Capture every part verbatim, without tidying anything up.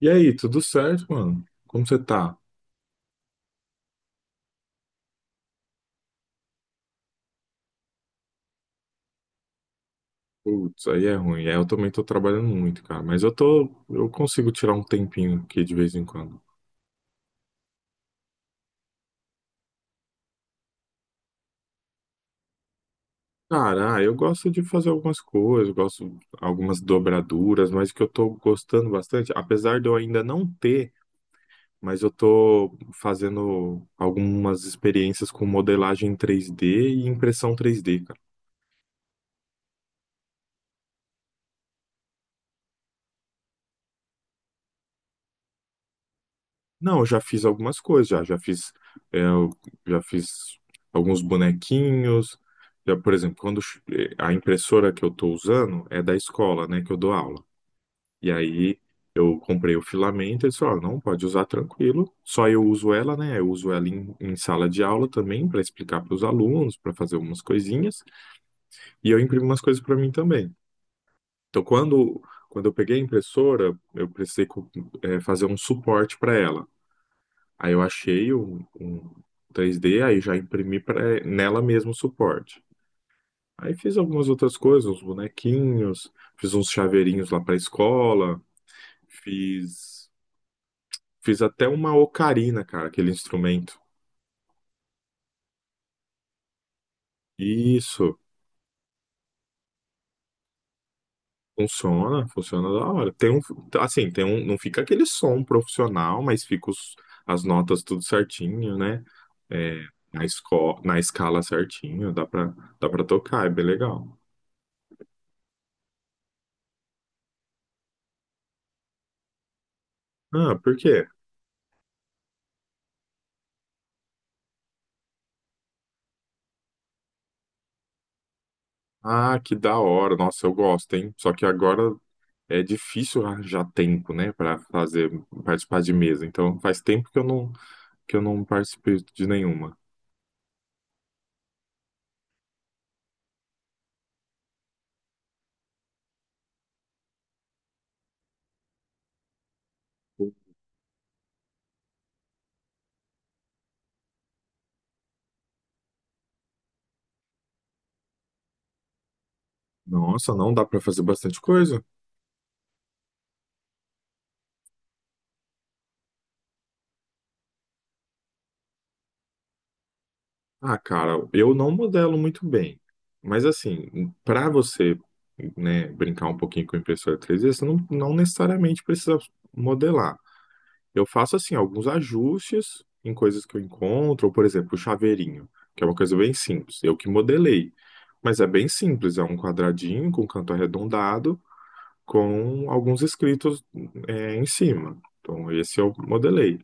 E aí, tudo certo, mano? Como você tá? Putz, aí é ruim. É, eu também tô trabalhando muito, cara. Mas eu tô, eu consigo tirar um tempinho aqui de vez em quando. Cara, ah, eu gosto de fazer algumas coisas, gosto de algumas dobraduras, mas o que eu tô gostando bastante, apesar de eu ainda não ter, mas eu tô fazendo algumas experiências com modelagem três D e impressão três D. Não, eu já fiz algumas coisas, já, já fiz, é, eu já fiz alguns bonequinhos. Já, por exemplo, quando ch- eh, a impressora que eu estou usando é da escola, né, que eu dou aula. E aí eu comprei o filamento, eles falaram, não, pode usar tranquilo. Só eu uso ela, né? Eu uso ela em, em sala de aula também para explicar para os alunos, para fazer algumas coisinhas. E eu imprimo umas coisas para mim também. Então, quando, quando eu peguei a impressora, eu precisei co- eh, fazer um suporte para ela. Aí eu achei um, um três D, aí já imprimi pra, nela mesmo o suporte. Aí fiz algumas outras coisas, uns bonequinhos, fiz uns chaveirinhos lá pra escola, fiz, fiz até uma ocarina, cara, aquele instrumento. Isso, funciona, funciona da hora. Tem um, assim, tem um, não fica aquele som profissional, mas fica os, as notas tudo certinho, né? É, na esco, na escala certinho, dá pra, dá pra tocar, é bem legal. Ah, por quê? Ah, que da hora. Nossa, eu gosto, hein? Só que agora é difícil arranjar tempo, né, pra fazer participar de mesa. Então, faz tempo que eu não que eu não participei de nenhuma. Nossa, não dá pra fazer bastante coisa? Ah, cara, eu não modelo muito bem. Mas assim, pra você, né, brincar um pouquinho com a impressora três D, você não, não necessariamente precisa modelar. Eu faço assim alguns ajustes em coisas que eu encontro, ou, por exemplo, o chaveirinho, que é uma coisa bem simples. Eu que modelei, mas é bem simples, é um quadradinho com canto arredondado com alguns escritos é, em cima. Então, esse eu modelei.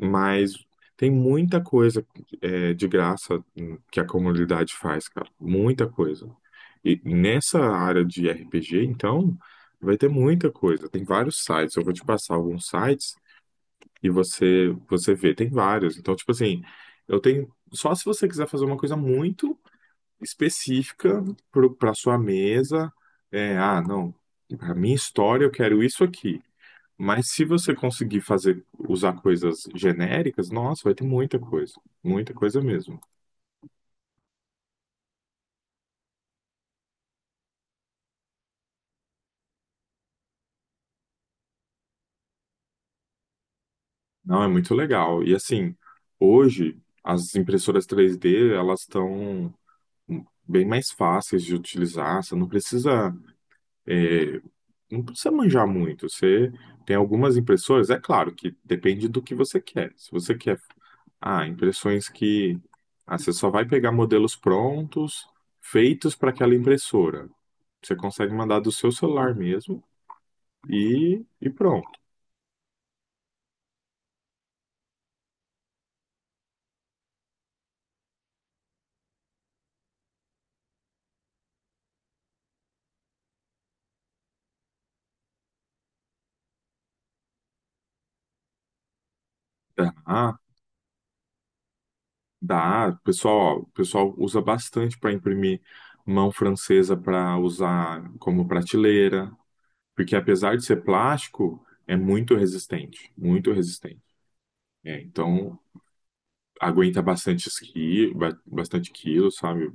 Mas tem muita coisa é, de graça hum, que a comunidade faz, cara. Muita coisa. E nessa área de R P G, então, vai ter muita coisa. Tem vários sites. Eu vou te passar alguns sites e você você vê, tem vários. Então, tipo assim, eu tenho só se você quiser fazer uma coisa muito específica para sua mesa, é, ah, não, a minha história eu quero isso aqui. Mas se você conseguir fazer usar coisas genéricas, nossa, vai ter muita coisa, muita coisa mesmo. Não, é muito legal. E assim, hoje as impressoras três d elas estão bem mais fáceis de utilizar, você não precisa é, não precisa manjar muito. Você tem algumas impressoras, é claro que depende do que você quer. Se você quer, ah, impressões que ah, você só vai pegar modelos prontos, feitos para aquela impressora. Você consegue mandar do seu celular mesmo e, e pronto. Dá, dá. Pessoal, o pessoal usa bastante para imprimir mão francesa para usar como prateleira, porque apesar de ser plástico, é muito resistente, muito resistente. É, então aguenta bastante esqui, ba- bastante quilo, sabe?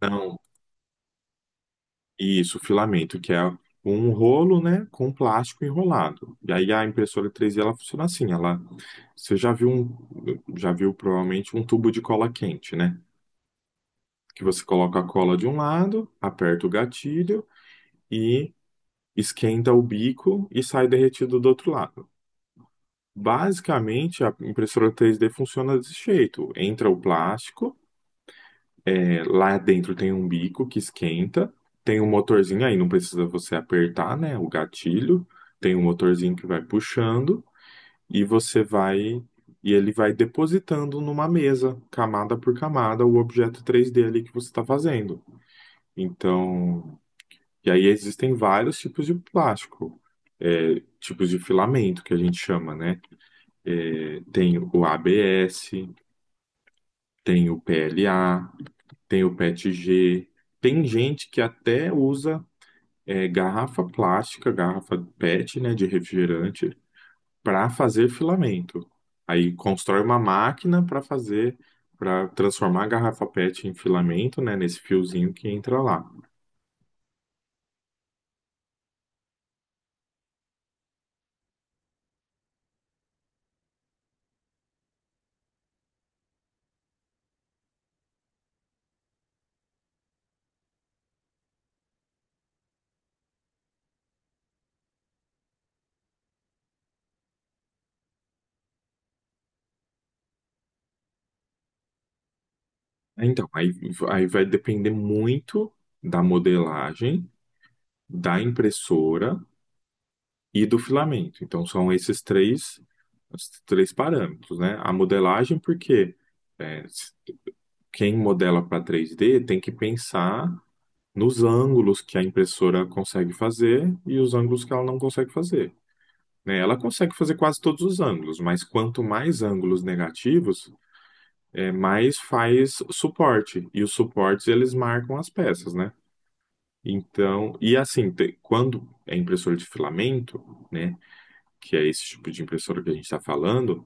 Não, isso, filamento, que é um rolo, né, com plástico enrolado. E aí a impressora três D ela funciona assim, ela você já viu um, já viu provavelmente um tubo de cola quente, né? Que você coloca a cola de um lado, aperta o gatilho e esquenta o bico e sai derretido do outro lado. Basicamente, a impressora três D funciona desse jeito. Entra o plástico. É, Lá dentro tem um bico que esquenta, tem um motorzinho aí, não precisa você apertar, né, o gatilho. Tem um motorzinho que vai puxando e você vai e ele vai depositando numa mesa, camada por camada, o objeto três D ali que você está fazendo. Então, e aí existem vários tipos de plástico, é, tipos de filamento que a gente chama, né? É, tem o A B S, tem o P L A, tem o P E T G, tem gente que até usa é, garrafa plástica, garrafa P E T, né, de refrigerante, para fazer filamento. Aí constrói uma máquina para fazer, para transformar a garrafa P E T em filamento, né, nesse fiozinho que entra lá. Então, aí, aí vai depender muito da modelagem, da impressora e do filamento. Então, são esses três, os três parâmetros, né? A modelagem, porque quem modela para três D tem que pensar nos ângulos que a impressora consegue fazer e os ângulos que ela não consegue fazer. Né? Ela consegue fazer quase todos os ângulos, mas quanto mais ângulos negativos, é, mais faz suporte. E os suportes eles marcam as peças, né? Então, e assim, te- quando é impressora de filamento, né, que é esse tipo de impressora que a gente está falando,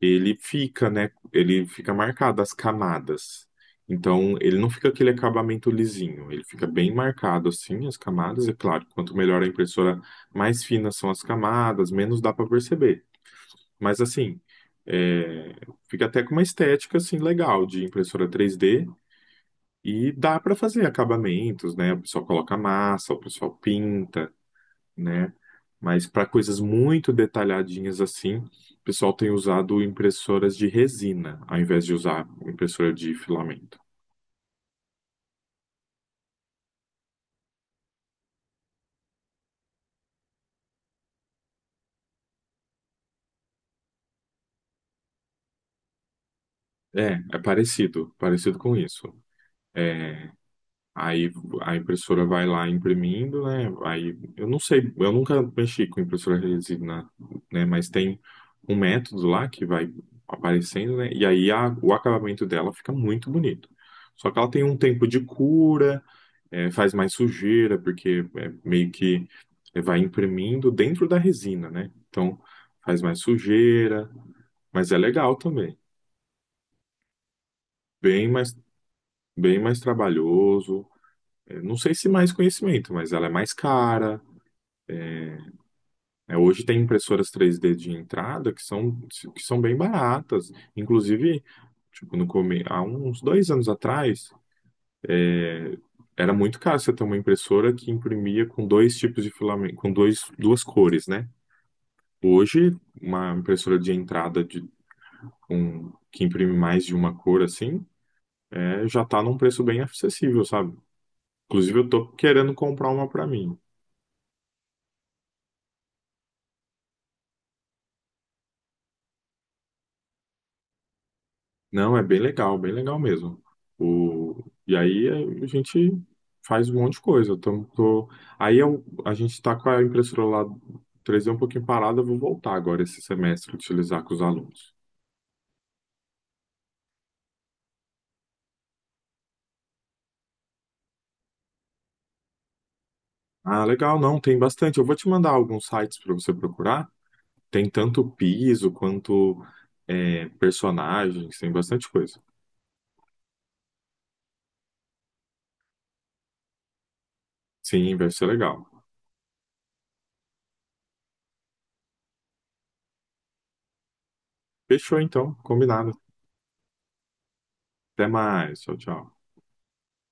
ele fica, né? Ele fica marcado as camadas. Então, ele não fica aquele acabamento lisinho, ele fica bem marcado assim, as camadas. É claro, quanto melhor a impressora, mais finas são as camadas, menos dá para perceber. Mas assim, é, fica até com uma estética assim legal de impressora três D e dá para fazer acabamentos, né? O pessoal coloca massa, o pessoal pinta, né? Mas para coisas muito detalhadinhas assim, o pessoal tem usado impressoras de resina, ao invés de usar impressora de filamento. É, é parecido, parecido com isso. É, aí a impressora vai lá imprimindo, né? Aí eu não sei, eu nunca mexi com impressora resina, né? Mas tem um método lá que vai aparecendo, né? E aí a- o acabamento dela fica muito bonito. Só que ela tem um tempo de cura, é, faz mais sujeira, porque é, meio que vai imprimindo dentro da resina, né? Então faz mais sujeira, mas é legal também. Bem mais, bem mais trabalhoso. É, não sei se mais conhecimento, mas ela é mais cara. É, hoje tem impressoras três d de entrada que são, que são bem baratas. Inclusive, tipo, no come... há uns dois anos atrás, é, era muito caro você ter uma impressora que imprimia com dois tipos de filamento, com dois, duas cores, né? Hoje, uma impressora de entrada de, com, que imprime mais de uma cor assim, é, já tá num preço bem acessível, sabe? Inclusive, eu tô querendo comprar uma pra mim. Não, é bem legal, bem legal mesmo. O, e aí é, a gente faz um monte de coisa. Eu tô, tô- aí eu- a gente tá com a impressora lá três d um pouquinho parada, eu vou voltar agora esse semestre utilizar com os alunos. Ah, legal, não, tem bastante. Eu vou te mandar alguns sites para você procurar. Tem tanto piso quanto é, personagens, tem bastante coisa. Sim, vai ser legal. Fechou então, combinado. Até mais. Tchau, tchau.